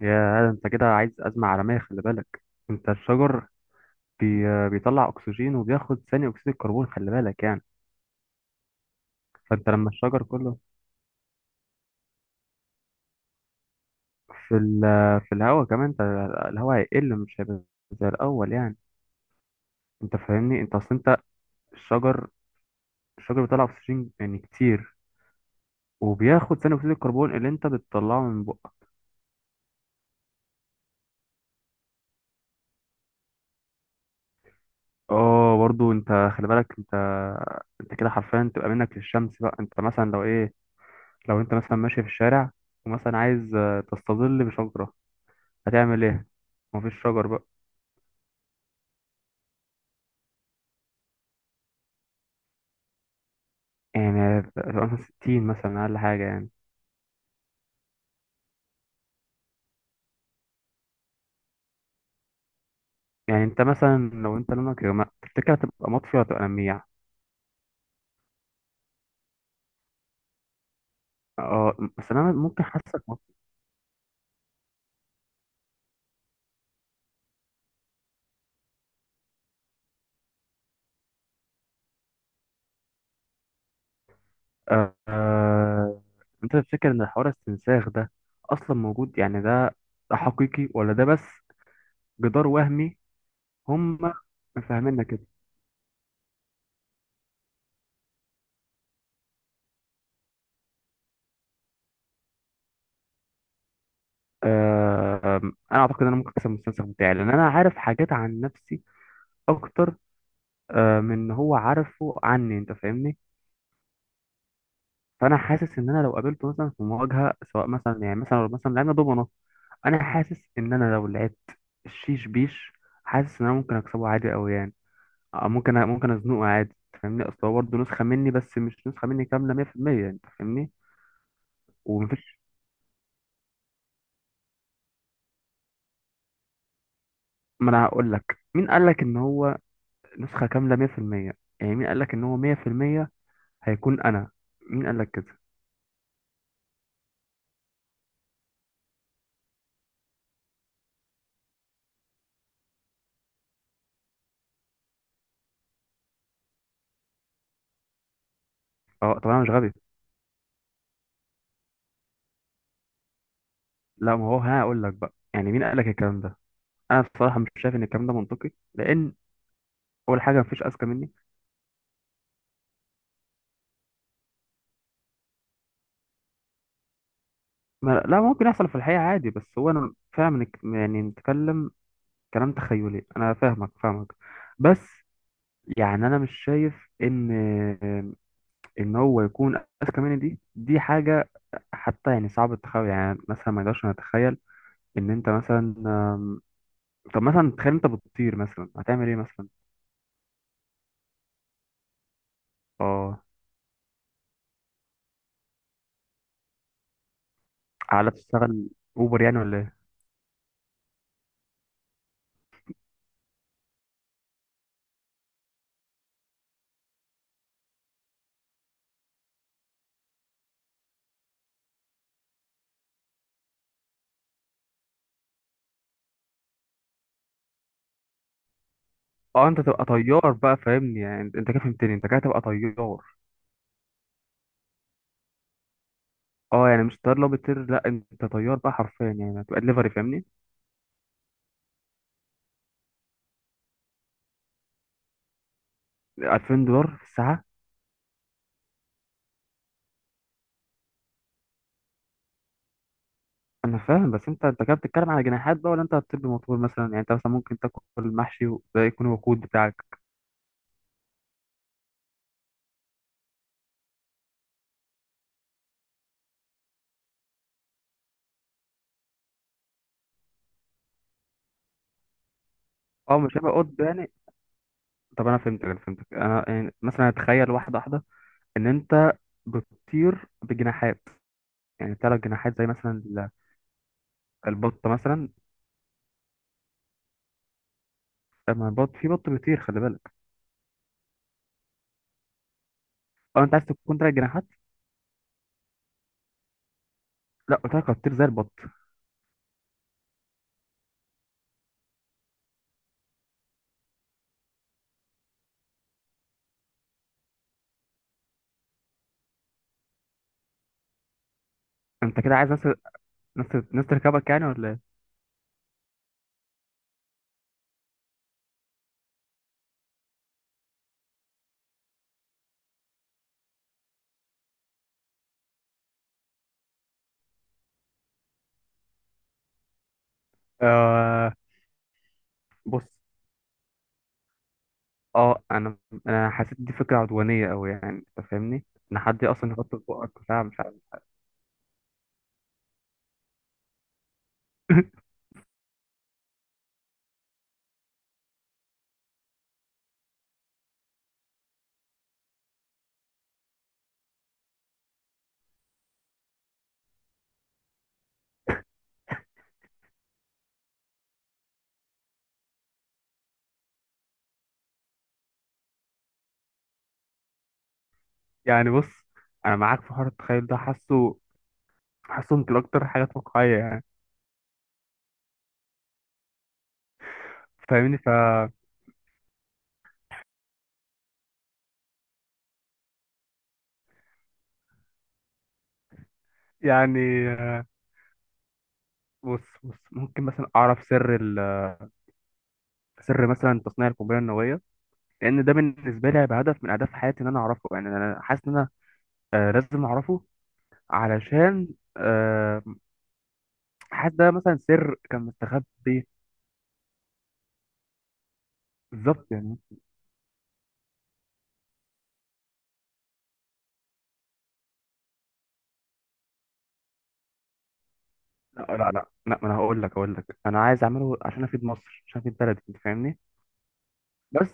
يا انت كده عايز أزمة عالمية، خلي بالك. انت الشجر بي... بيطلع اكسجين وبياخد ثاني اكسيد الكربون، خلي بالك يعني. فانت لما الشجر كله في ال... في الهواء كمان، انت الهواء هيقل، مش هيبقى زي الاول يعني. انت فاهمني؟ انت اصل انت الشجر الشجر بيطلع اكسجين يعني كتير، وبياخد ثاني اكسيد الكربون اللي انت بتطلعه من بقك. اه، برضو انت خلي بالك انت كده حرفيا تبقى منك للشمس بقى. انت مثلا لو ايه، لو انت مثلا ماشي في الشارع ومثلا عايز تستظل بشجرة، هتعمل ايه؟ مفيش شجر بقى. يعني هتبقى مثلا 60 مثلا، اقل حاجه يعني. يعني انت مثلا لو انت لونك، يا جماعة، تفتكر هتبقى مطفي ولا هتبقى لميع؟ اه، بس انا ممكن حاسك مطفي. آه آه، انت تفتكر ان حوار الاستنساخ ده اصلا موجود؟ يعني ده ده حقيقي ولا ده بس جدار وهمي؟ هم فاهميننا كده. آه، انا اعتقد ان انا ممكن اكسب المستنسخ بتاعي، لان انا عارف حاجات عن نفسي اكتر من إن هو عارفه عني. انت فاهمني؟ فانا حاسس ان انا لو قابلته مثلا في مواجهه، سواء مثلا يعني مثلا لو لعبنا دومنا، انا حاسس ان انا لو لعبت الشيش بيش، حاسس ان انا ممكن اكسبه عادي قوي يعني. أو ممكن ازنقه عادي. أنت فاهمني؟ اصل هو برضه نسخه مني، بس مش نسخه مني كامله 100%. انت فاهمني؟ ومفيش. ما انا هقول لك مين قال لك ان هو نسخه كامله 100%؟ يعني مين قال لك ان هو 100% هيكون انا؟ مين قال لك كده؟ اه، طب انا مش غبي. لا، ما هو هقول لك بقى، يعني مين قال لك الكلام ده؟ انا بصراحه مش شايف ان الكلام ده منطقي، لان اول حاجه مفيش اذكى مني. ما لا، ممكن يحصل في الحقيقه عادي، بس هو انا فعلا يعني نتكلم كلام تخيلي. انا فاهمك بس. يعني انا مش شايف ان ان هو يكون اذكى مني. دي حاجه حتى يعني صعب التخيل. يعني مثلا ما اقدرش نتخيل ان انت مثلا طب مثلا تخيل انت بتطير مثلا، هتعمل ايه مثلا؟ اه، على تشتغل اوبر يعني ولا ايه؟ اه، انت تبقى طيار بقى، فاهمني؟ يعني انت كده فهمتني، انت كده تبقى طيار. اه، يعني مش طيار لو بتطير، لا انت طيار بقى حرفيا، يعني هتبقى دليفري. فاهمني؟ 2000 دولار في الساعه؟ انا فاهم، بس انت كده بتتكلم على جناحات بقى، ولا انت هتطير بموتور مثلا؟ يعني انت مثلا ممكن تاكل المحشي وده يكون الوقود بتاعك. اه، مش هيبقى قط يعني؟ طب انا فهمتك. انا يعني مثلا اتخيل واحده واحده ان انت بتطير بجناحات. يعني ثلاث جناحات زي مثلا البطه مثلا. لما البط في بط بيطير، خلي بالك. اه، انت عايز تكون ثلاث جناحات؟ لا، قلت لك هتطير زي البط. انت كده عايز ناس ناس تركبك يعني ولا ايه؟ آه. بص، اه انا حسيت دي فكره عدوانيه قوي يعني. انت فاهمني؟ ان حد اصلا يحط في بقك بتاع مش عارف. يعني بص، انا معاك في حوار التخيل ده. حاسه يمكن اكتر حاجات واقعيه يعني. فاهمني؟ ف يعني بص ممكن مثلا اعرف سر مثلا تصنيع القنبله النوويه، لان ده بالنسبه لي هيبقى هدف من اهداف حياتي ان انا اعرفه. يعني انا حاسس ان انا لازم اعرفه، علشان آه، حاسس ده مثلا سر كان مستخبي. بالظبط يعني. لا, لا, لا, لا, ما انا هقول لك انا عايز اعمله عشان افيد مصر، عشان افيد بلدي. انت فاهمني؟ بس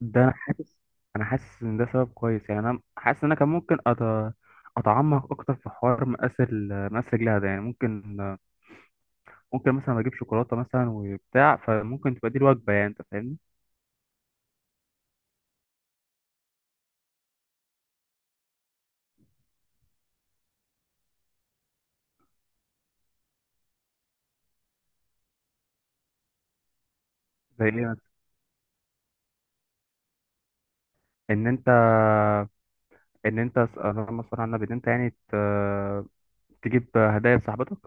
ده انا حاسس ان ده سبب كويس. يعني انا حاسس ان انا كان ممكن اتعمق اكتر في حوار مقاس رجلها ده. يعني ممكن ممكن مثلا اجيب شوكولاته مثلا وبتاع، فممكن تبقى دي الوجبه يعني. انت فاهمني؟ زي ايه مثلا؟ ان انت، ان انت اللهم صل على النبي، ان انت يعني تجيب هدايا لصاحبتك.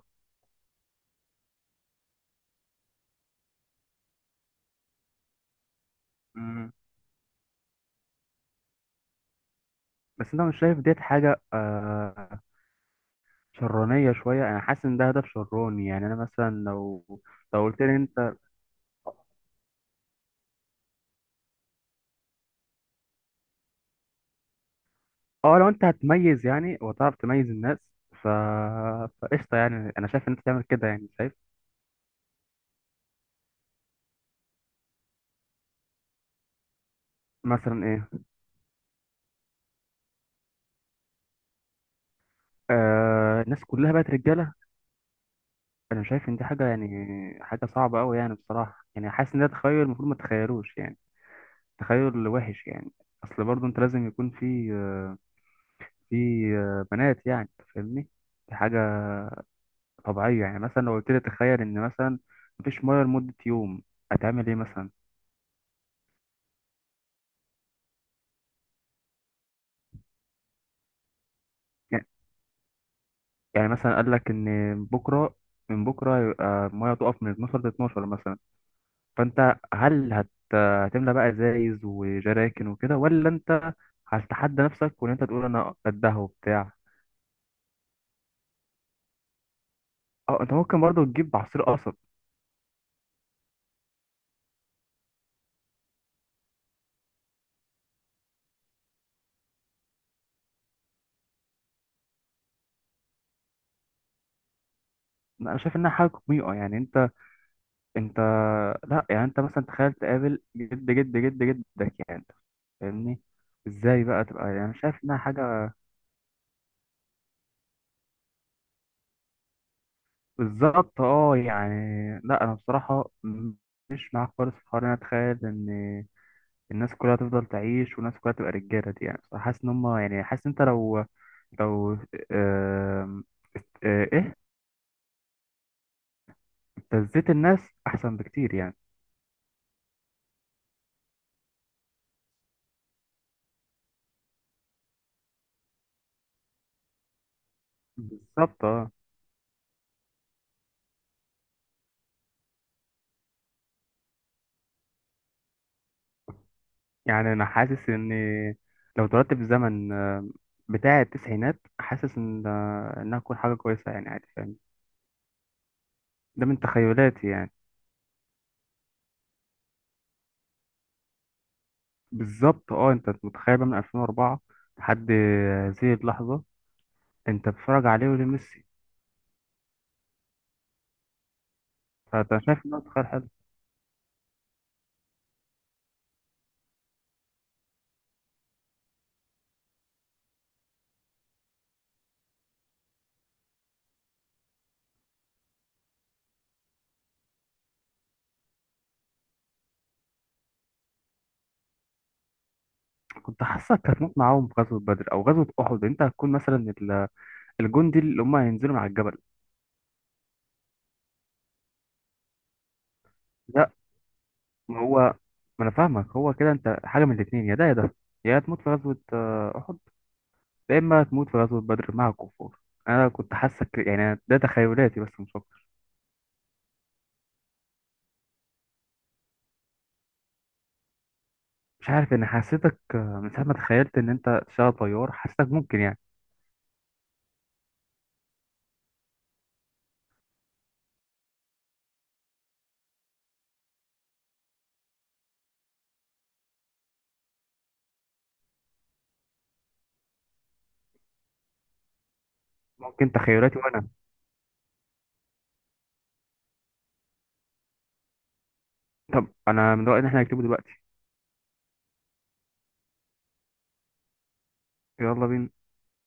مم. بس انت مش شايف ديت حاجه شرانية شوية؟ أنا حاسس إن ده هدف شراني. يعني أنا مثلا لو، لو قلت لي أنت. أه، لو أنت هتميز يعني وتعرف تميز الناس، ف فقشطة يعني. أنا شايف إن أنت تعمل كده يعني، شايف. مثلا إيه؟ آه، الناس كلها بقت رجالة. أنا شايف إن دي حاجة يعني، حاجة صعبة أوي يعني، بصراحة. يعني حاسس إن ده تخيل المفروض ما تتخيلوش يعني، تخيل وحش يعني. أصل برضه أنت لازم يكون في في بنات يعني. أنت فاهمني؟ دي حاجة طبيعية. يعني مثلا لو قلت لي تخيل إن مثلا مفيش مية لمدة يوم، هتعمل إيه مثلا؟ يعني، يعني مثلا قال لك إن بكرة، من بكرة هيبقى المية تقف من 12 ل 12 مثلا، فأنت هل هتملى بقى ازايز وجراكن وكده، ولا أنت هتتحدى نفسك وإن أنت تقول أنا قدها وبتاع؟ أه، أنت ممكن برضه تجيب عصير قصب. لا، أنا شايف إنها حاجة قميئة. يعني أنت، أنت، لا يعني أنت مثلا تخيل تقابل جد جد جد جدك يعني. فاهمني؟ ازاي بقى تبقى؟ يعني شايف انها حاجه. بالظبط، اه يعني لا، انا بصراحه مش معاك خالص في حوار إن انا اتخيل ان الناس كلها تفضل تعيش، والناس كلها تبقى رجاله. دي يعني بصراحة حاسس ان هم يعني، حاسس انت لو، لو آم، ايه. ابتزيت الناس احسن بكتير يعني. بالظبط، اه يعني انا حاسس ان لو اتولدت في الزمن بتاع التسعينات، حاسس ان انها تكون حاجه كويسه يعني، عادي. فاهم؟ ده من تخيلاتي يعني. بالظبط، اه انت متخيل بقى من 2004 لحد هذه اللحظه انت بتتفرج عليه، ولميسي. فانت شايف ان هو تخيل حلو. كنت حاسسك هتموت معاهم في غزوه بدر او غزوه احد. انت هتكون مثلا ال- الجندي اللي هم هينزلوا مع الجبل. لا، ما هو، ما انا فاهمك هو كده. انت حاجه من الاثنين، يا ده يا ده. يا تموت في غزوه احد، يا اما تموت في غزوه بدر مع الكفار. انا كنت حاسك يعني، ده تخيلاتي بس مش اكتر. مش عارف، انا حسيتك من ساعه ما تخيلت ان انت تشتغل طيار، حسيتك ممكن يعني. ممكن تخيلاتي وانا. طب انا من رأيي ان احنا نكتبه دلوقتي. يلا بينا.